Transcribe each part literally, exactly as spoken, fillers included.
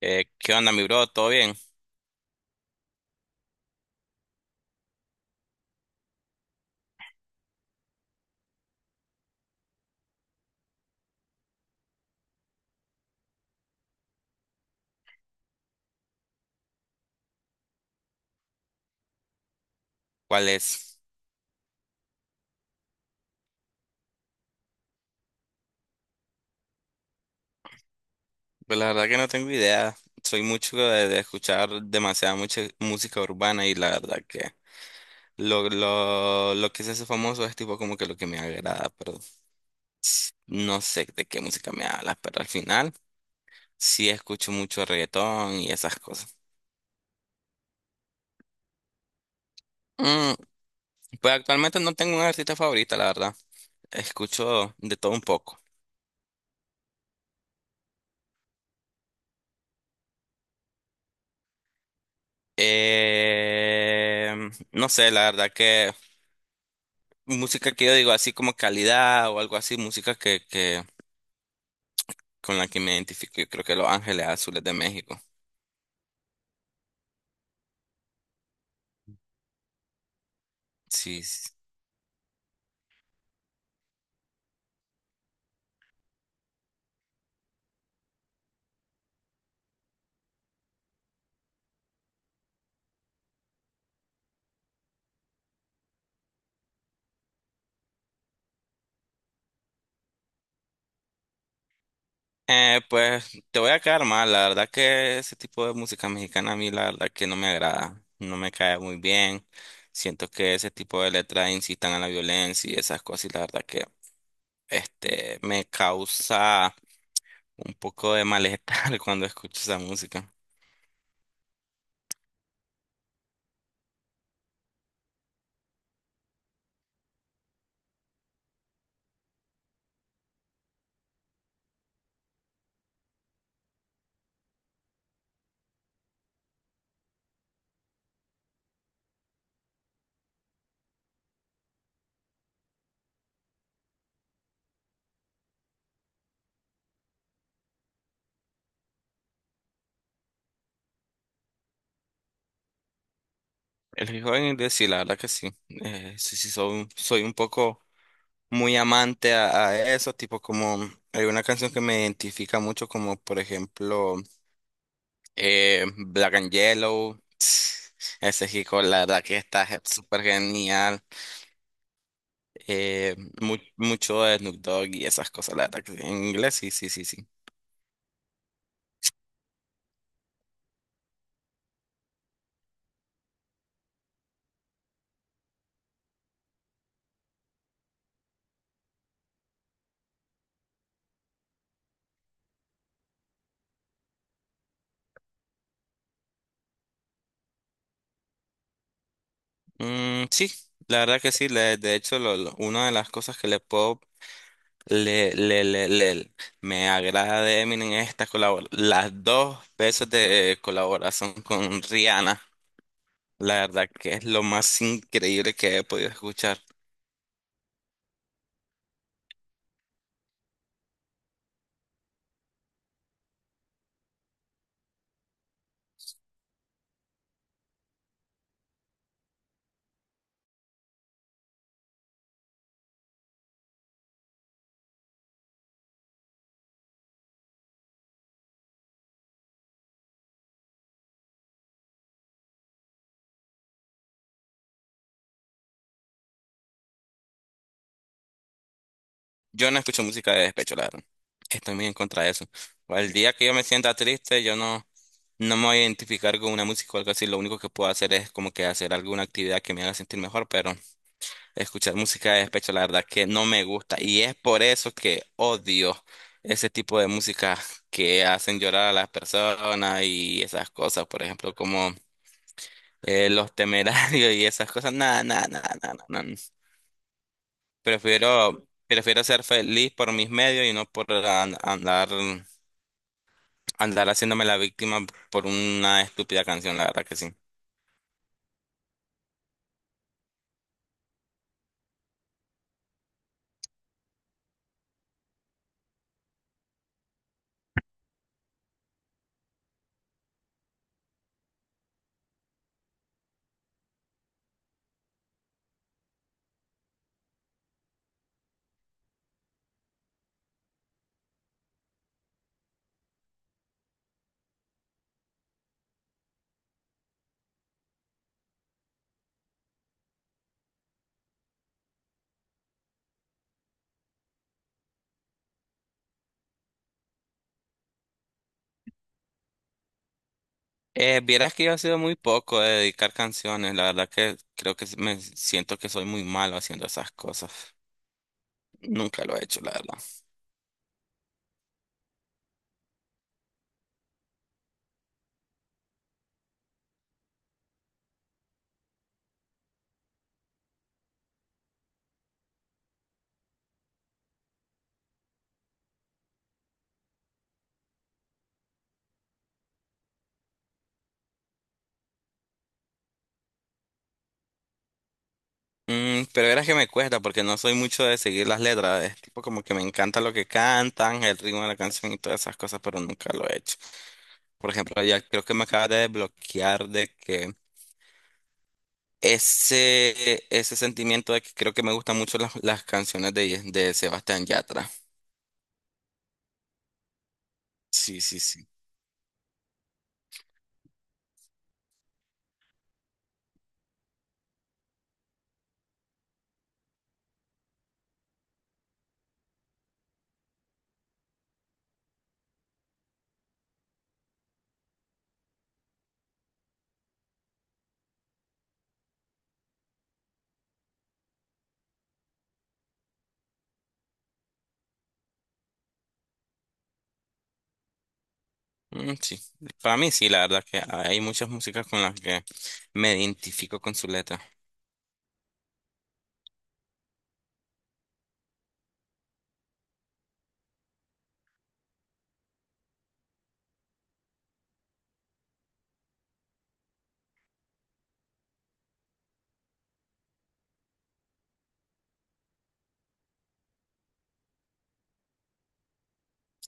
Eh, ¿qué onda, mi bro? ¿Todo bien? ¿Cuál es? Pues la verdad que no tengo idea. Soy mucho de, de escuchar demasiada mucha música urbana y la verdad que lo, lo, lo que se hace famoso es tipo como que lo que me agrada, pero no sé de qué música me hablas, pero al final sí escucho mucho reggaetón y esas cosas. Mm, pues actualmente no tengo una artista favorita, la verdad. Escucho de todo un poco. Eh, no sé, la verdad que música que yo digo así como calidad o algo así, música que, que con la que me identifico, yo creo que Los Ángeles Azules de México. Sí, sí. Eh, pues te voy a quedar mal, la verdad que ese tipo de música mexicana a mí la verdad que no me agrada, no me cae muy bien. Siento que ese tipo de letras incitan a la violencia y esas cosas y la verdad que este me causa un poco de malestar cuando escucho esa música. El hip hop en inglés sí, la verdad que sí. Eh, sí, sí, soy, un- soy un poco muy amante a, a eso, tipo como hay una canción que me identifica mucho como por ejemplo eh, Black and Yellow. Ese chico, la verdad que está je- súper genial. Eh, mu- mucho de Snoop Dogg y esas cosas, la verdad que sí en inglés, sí, sí, sí, sí. Mm, sí, la verdad que sí. Le- de hecho, lo- lo- una de las cosas que le puedo le, le, le, le- me agrada de Eminem es esta colabor las dos veces de eh, colaboración con Rihanna. La verdad que es lo más increíble que he podido escuchar. Yo no escucho música de despecho, la verdad. Estoy muy en contra de eso. O el día que yo me sienta triste, yo no, no me voy a identificar con una música o algo así. Lo único que puedo hacer es como que hacer alguna actividad que me haga sentir mejor, pero escuchar música de despecho, la verdad que no me gusta. Y es por eso que odio ese tipo de música que hacen llorar a las personas y esas cosas, por ejemplo, como eh, Los Temerarios y esas cosas. Nada, nada, nada, nada. Prefiero, prefiero ser feliz por mis medios y no por an- andar, andar haciéndome la víctima por una estúpida canción, la verdad que sí. Eh, vieras que yo he sido muy poco de dedicar canciones, la verdad que creo que me siento que soy muy malo haciendo esas cosas. Nunca lo he hecho, la verdad. Mm, pero verás que me cuesta porque no soy mucho de seguir las letras. Es tipo como que me encanta lo que cantan, el ritmo de la canción y todas esas cosas, pero nunca lo he hecho. Por ejemplo, ya creo que me acabas de desbloquear de que ese, ese sentimiento de que creo que me gustan mucho las, las canciones de, de Sebastián Yatra. Sí, sí, sí. Mm, sí. Para mí sí, la verdad que hay muchas músicas con las que me identifico con su letra.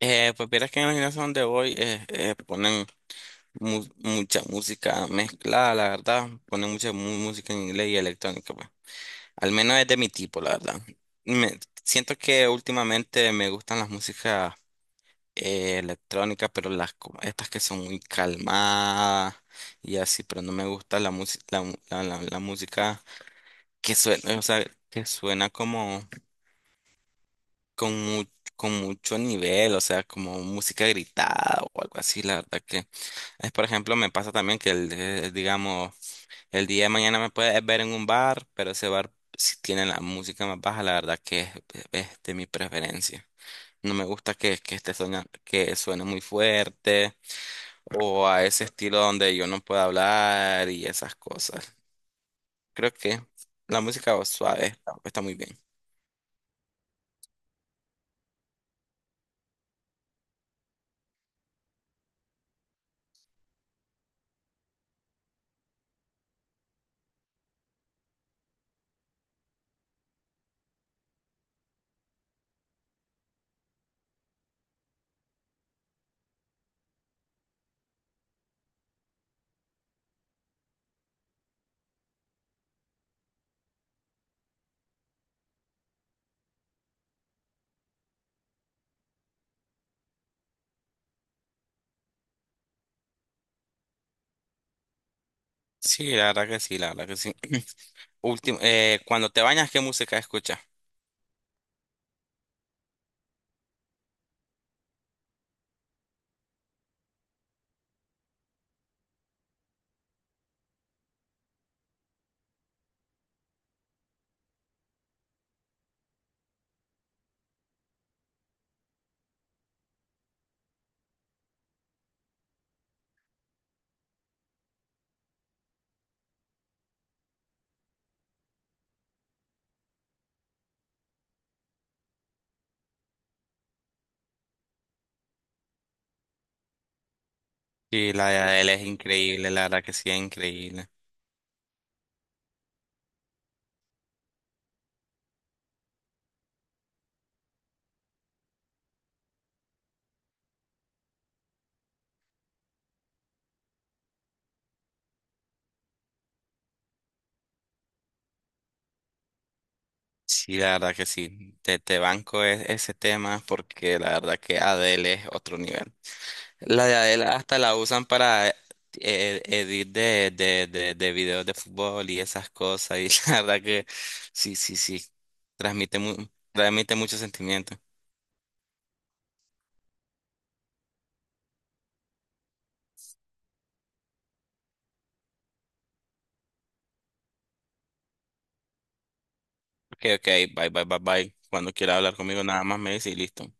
Eh, pues vieras que en la gimnasia donde voy eh, eh, ponen mu- mucha música mezclada, la verdad. Ponen mucha mu- música en inglés y electrónica, pues. Al menos es de mi tipo, la verdad. Me siento que últimamente me gustan las músicas eh, electrónica, pero las co- estas que son muy calmadas y así, pero no me gusta la música, la, mu- la- la- la música que suena, o sea, que suena como con mu con mucho nivel, o sea, como música gritada o algo así, la verdad que es, por ejemplo, me pasa también que el, eh, digamos, el día de mañana me puedes ver en un bar, pero ese bar si tiene la música más baja, la verdad que es, es de mi preferencia. No me gusta que, que esté soñando, que suene muy fuerte o a ese estilo donde yo no puedo hablar y esas cosas. Creo que la música suave está, está muy bien. Sí, la verdad que sí, la verdad que sí. Último, eh, cuando te bañas, ¿qué música escuchas? Sí, la de él es increíble, la verdad que sí, es increíble. Sí, la verdad que sí. Te, te banco e- ese tema porque la verdad que Adele es otro nivel. La de Adele hasta la usan para eh, eh, edit de, de, de, de videos de fútbol y esas cosas. Y la verdad que sí, sí, sí. Transmite, mu- transmite mucho sentimiento. Ok, ok, bye, bye, bye, bye. Cuando quiera hablar conmigo, nada más me dice y listo.